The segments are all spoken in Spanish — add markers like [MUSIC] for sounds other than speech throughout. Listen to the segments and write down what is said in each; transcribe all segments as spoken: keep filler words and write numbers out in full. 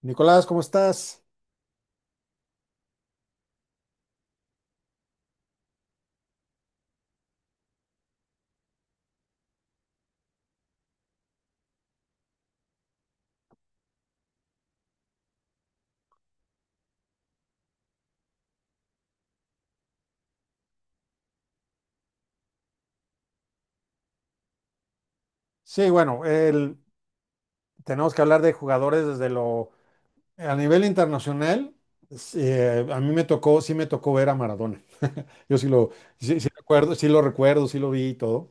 Nicolás, ¿cómo estás? Sí, bueno, el- tenemos que hablar de jugadores desde lo. A nivel internacional, sí, eh, a mí me tocó, sí me tocó ver a Maradona. Yo sí lo, sí, sí recuerdo, sí lo recuerdo, sí lo vi y todo.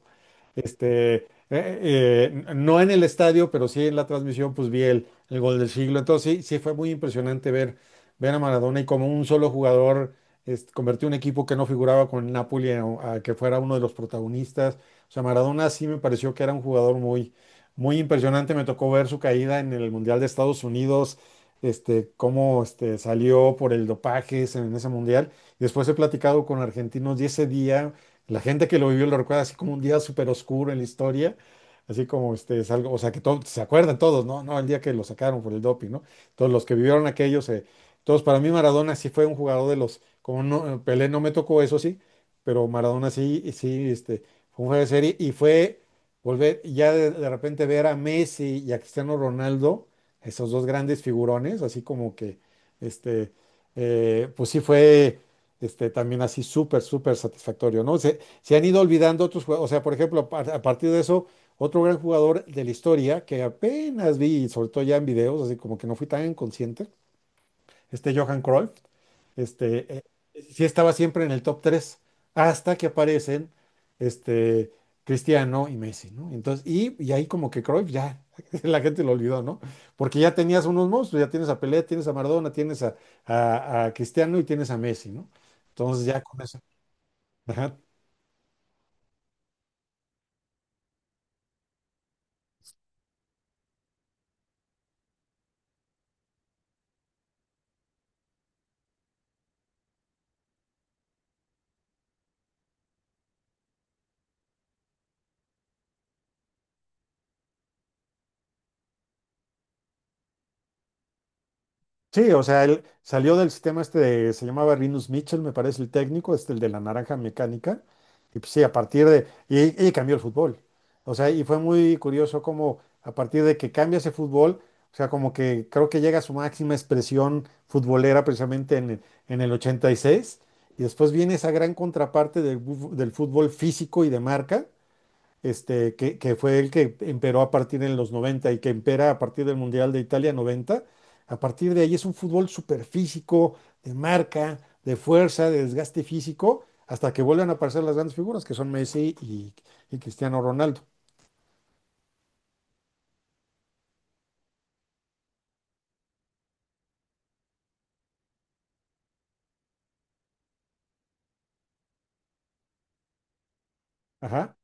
Este, eh, eh, no en el estadio, pero sí en la transmisión, pues vi el, el gol del siglo. Entonces sí, sí fue muy impresionante ver, ver a Maradona, y como un solo jugador este, convirtió un equipo que no figuraba, con el Napoli, a, a que fuera uno de los protagonistas. O sea, Maradona sí me pareció que era un jugador muy, muy impresionante. Me tocó ver su caída en el Mundial de Estados Unidos, este, cómo este, salió por el dopaje en ese Mundial. Después he platicado con argentinos, y ese día la gente que lo vivió lo recuerda así como un día súper oscuro en la historia, así como este es algo, o sea, que todos se acuerdan, todos, ¿no? No, el día que lo sacaron por el doping, ¿no? Todos los que vivieron aquellos se, todos, para mí Maradona sí fue un jugador de los, como no, Pelé no me tocó, eso sí, pero Maradona sí. Y sí, este, fue un juego de serie, y fue volver, ya de, de repente, ver a Messi y a Cristiano Ronaldo, esos dos grandes figurones, así como que, este, eh, pues sí fue, este, también así súper, súper satisfactorio, ¿no? Se- se han ido olvidando otros jugadores. O sea, por ejemplo, a par- a partir de eso, otro gran jugador de la historia que apenas vi, y sobre todo ya en videos, así como que no fui tan consciente, este Johan Cruyff, este, eh, sí estaba siempre en el top tres hasta que aparecen, este, Cristiano y Messi, ¿no? Entonces, y, y ahí como que Cruyff ya, [LAUGHS] la gente lo olvidó, ¿no? Porque ya tenías unos monstruos, ya tienes a Pelé, tienes a Maradona, tienes a, a- a Cristiano y tienes a Messi, ¿no? Entonces ya con eso. [LAUGHS] Sí, o sea, él salió del sistema este de, se llamaba Rinus Mitchell, me parece, el técnico, este el de la naranja mecánica, y pues sí, a partir de, y, y cambió el fútbol. O sea, y fue muy curioso como a partir de que cambia ese fútbol, o sea, como que creo que llega a su máxima expresión futbolera precisamente en el, en el ochenta y seis, y seis, y después viene esa gran contraparte del, buf- del fútbol físico y de marca, este, que, que fue el que emperó a partir de los noventa, y que impera a partir del Mundial de Italia noventa. A partir de ahí es un fútbol superfísico, de marca, de fuerza, de desgaste físico, hasta que vuelven a aparecer las grandes figuras, que son Messi y, y Cristiano Ronaldo. Ajá.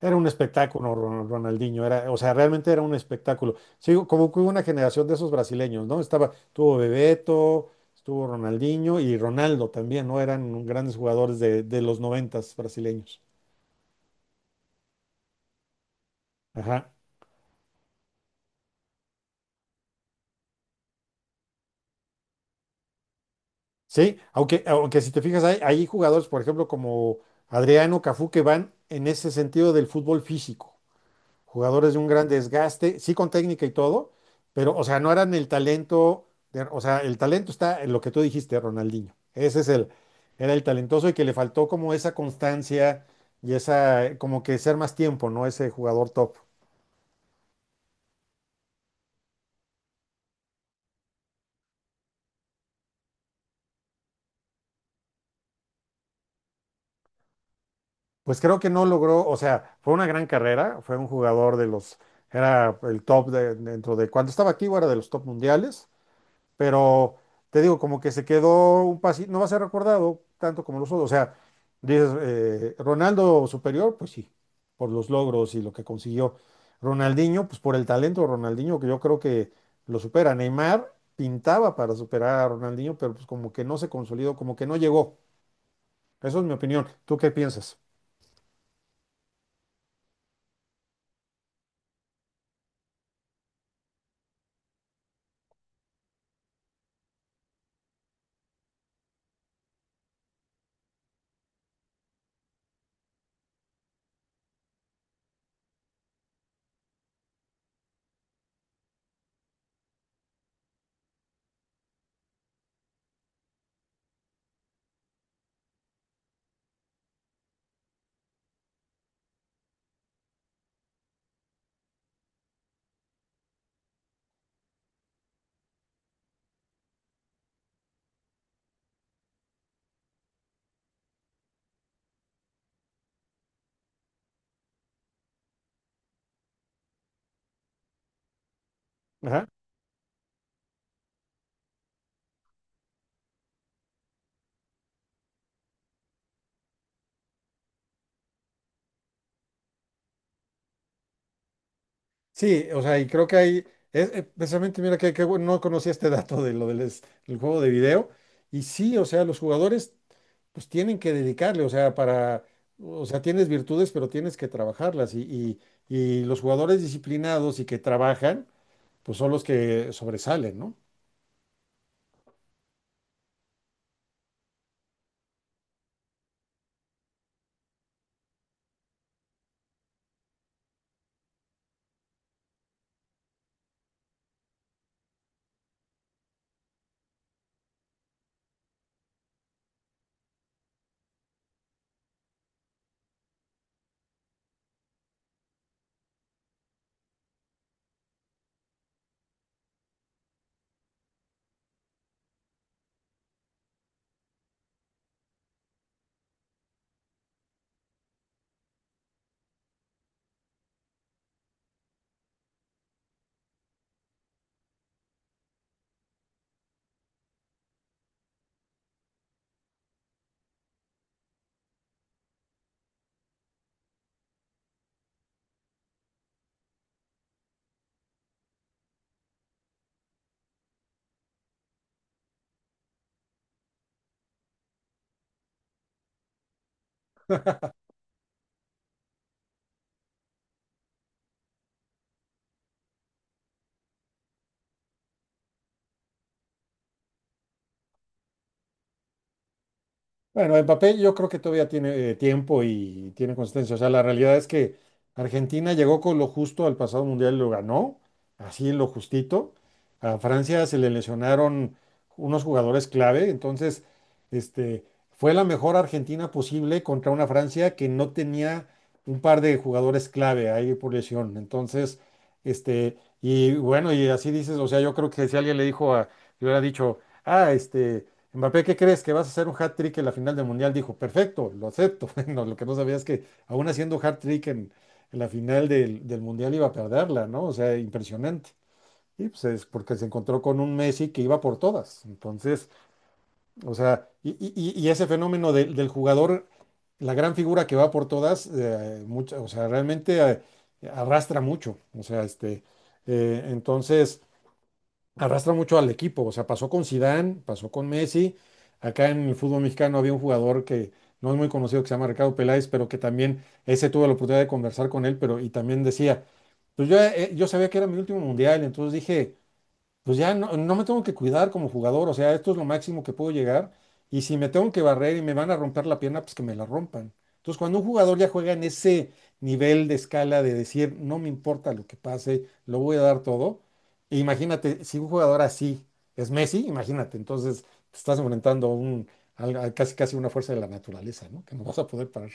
Era un espectáculo, Ron- Ronaldinho, era, o sea, realmente era un espectáculo. Sí, como que hubo una generación de esos brasileños, ¿no? Estaba, estuvo Bebeto, estuvo Ronaldinho, y Ronaldo también, ¿no? Eran grandes jugadores de, de los noventas brasileños. Ajá. Sí, aunque, aunque si te fijas, hay, hay jugadores, por ejemplo, como Adriano, Cafú, que van en ese sentido del fútbol físico, jugadores de un gran desgaste, sí con técnica y todo, pero, o sea, no eran el talento. De- o sea, el talento está en lo que tú dijiste, Ronaldinho. Ese es el, era el talentoso, y que le faltó como esa constancia, y esa, como que ser más tiempo, ¿no? Ese jugador top. Pues creo que no logró, o sea, fue una gran carrera, fue un jugador de los, era el top de- dentro de, cuando estaba activo, era de los top mundiales. Pero te digo, como que se quedó un pasito, no va a ser recordado tanto como los otros. O sea, dices, eh, Ronaldo superior, pues sí, por los logros y lo que consiguió. Ronaldinho, pues por el talento de Ronaldinho, que yo creo que lo supera. Neymar pintaba para superar a Ronaldinho, pero pues como que no se consolidó, como que no llegó. Eso es mi opinión. ¿Tú qué piensas? Ajá. Sí, o sea, y creo que hay, es, eh, precisamente, mira, que, que bueno, no conocía este [LAUGHS] dato de lo del, es- del juego de video. Y sí, o sea, los jugadores pues tienen que dedicarle, o sea, para, o sea, tienes virtudes, pero tienes que trabajarlas. Y, y, y los jugadores disciplinados y que trabajan, pues son los que sobresalen, ¿no? Bueno, Mbappé yo creo que todavía tiene, eh, tiempo, y tiene consistencia. O sea, la realidad es que Argentina llegó con lo justo al pasado mundial, y lo ganó, así, lo justito. A Francia se le lesionaron unos jugadores clave, entonces este, fue la mejor Argentina posible contra una Francia que no tenía un par de jugadores clave ahí por lesión. Entonces, este, y bueno, y así dices, o sea, yo creo que si alguien le dijo a, le hubiera dicho, ah, este, Mbappé, ¿qué crees? ¿Que vas a hacer un hat-trick en la final del Mundial? Dijo, perfecto, lo acepto. [LAUGHS] Bueno, lo que no sabía es que, aún haciendo hat-trick en, en la final del, del Mundial, iba a perderla, ¿no? O sea, impresionante. Y pues es porque se encontró con un Messi que iba por todas. Entonces, o sea, y, y- y- y ese fenómeno del del jugador, la gran figura que va por todas, eh, mucha- o sea, realmente, eh, arrastra mucho. O sea, este, eh, entonces arrastra mucho al equipo. O sea, pasó con Zidane, pasó con Messi. Acá en el fútbol mexicano había un jugador que no es muy conocido, que se llama Ricardo Peláez, pero que también ese, tuve la oportunidad de conversar con él, pero y también decía, pues yo, eh, yo sabía que era mi último mundial, entonces dije, pues ya no, no me tengo que cuidar como jugador, o sea, esto es lo máximo que puedo llegar. Y si me tengo que barrer, y me van a romper la pierna, pues que me la rompan. Entonces, cuando un jugador ya juega en ese nivel de escala de decir, no me importa lo que pase, lo voy a dar todo, e imagínate, si un jugador así es Messi, imagínate, entonces te estás enfrentando a un, a- a casi casi una fuerza de la naturaleza, ¿no? Que no vas a poder parar.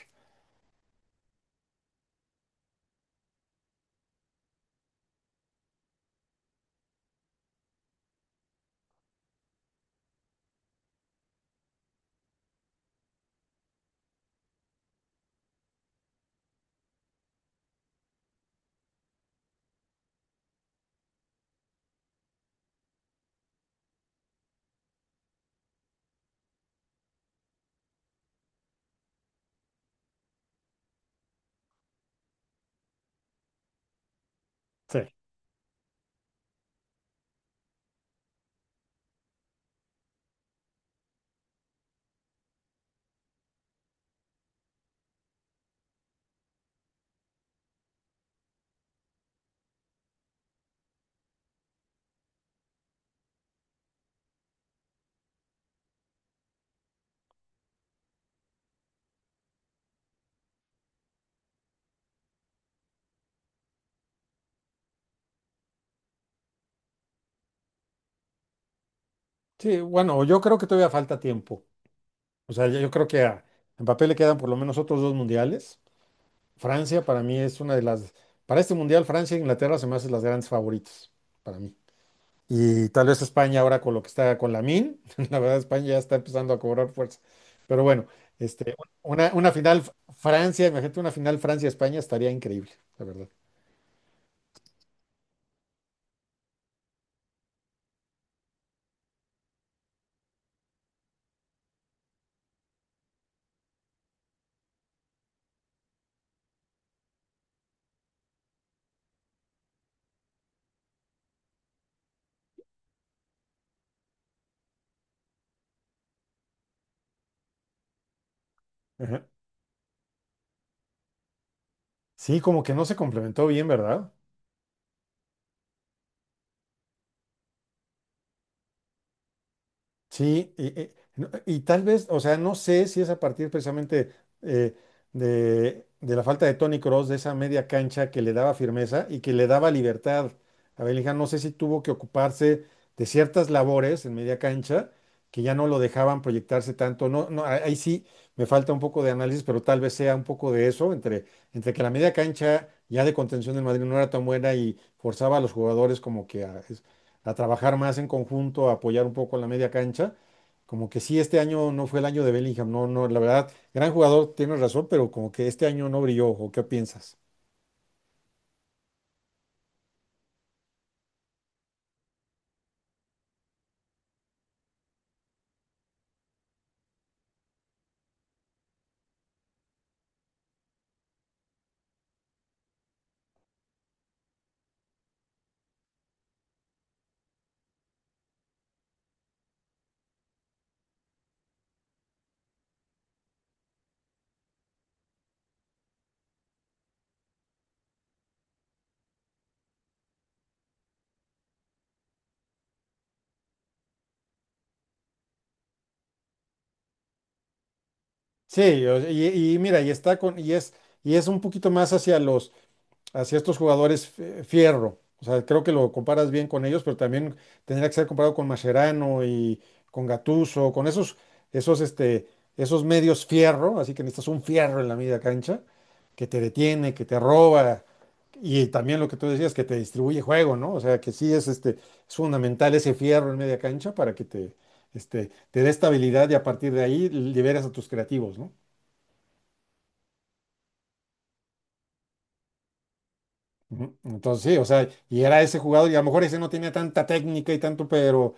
Sí. Sí, bueno, yo creo que todavía falta tiempo. O sea, yo yo creo que a Mbappé le quedan por lo menos otros dos mundiales. Francia, para mí, es una de las, para este mundial, Francia e Inglaterra se me hacen las grandes favoritas, para mí. Y tal vez España ahora, con lo que está, con la min [LAUGHS] la verdad, España ya está empezando a cobrar fuerza. Pero bueno, este, una, una, final Francia, imagínate, una final Francia-España, estaría increíble, la verdad. Ajá. Sí, como que no se complementó bien, ¿verdad? Sí, y, y- no- y tal vez, o sea, no sé si es a partir precisamente, eh, de, de la falta de Tony Cross, de esa media cancha que le daba firmeza y que le daba libertad a Bellingham. No sé si tuvo que ocuparse de ciertas labores en media cancha que ya no lo dejaban proyectarse tanto. No, no, ahí ahí sí me falta un poco de análisis, pero tal vez sea un poco de eso, entre, entre, que la media cancha ya de contención del Madrid no era tan buena, y forzaba a los jugadores como que a, a trabajar más en conjunto, a apoyar un poco la media cancha. Como que sí, este año no fue el año de Bellingham, no, no, la verdad, gran jugador, tienes razón, pero como que este año no brilló, ¿o qué piensas? Sí, o- y, y mira, y está con, y es, y es un poquito más hacia los, hacia estos jugadores, fi- fierro. O sea, creo que lo comparas bien con ellos, pero también tendría que ser comparado con Mascherano y con Gattuso, con esos, esos, este, esos medios fierro, así que necesitas un fierro en la media cancha que te detiene, que te roba, y también lo que tú decías, que te distribuye juego, ¿no? O sea, que sí, es, este es fundamental ese fierro en media cancha, para que te, este te dé estabilidad, y a partir de ahí liberas a tus creativos, ¿no? Ujú. Entonces, sí, o sea, y era ese jugador, y a lo mejor ese no tenía tanta técnica y tanto, pero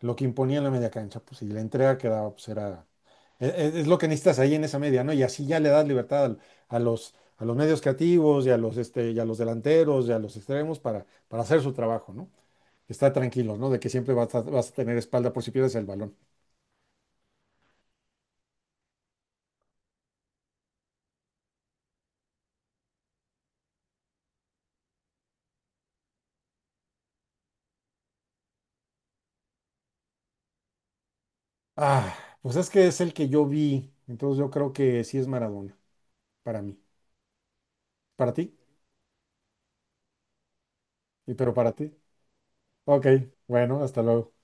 lo que imponía en la media cancha, pues, y la entrega que daba, pues, era, e- e- es, lo que necesitas ahí en esa media, ¿no? Y así ya le das libertad al- a los, a los medios creativos y a los, este, y a los delanteros y a los extremos, para, para hacer su trabajo, ¿no? Estar tranquilos, ¿no? De que siempre vas a, vas a tener espalda por si pierdes el balón. Ah, pues es que es el que yo vi, entonces yo creo que sí, es Maradona, para mí. ¿Para ti? Y pero para ti. Ok, bueno, hasta luego.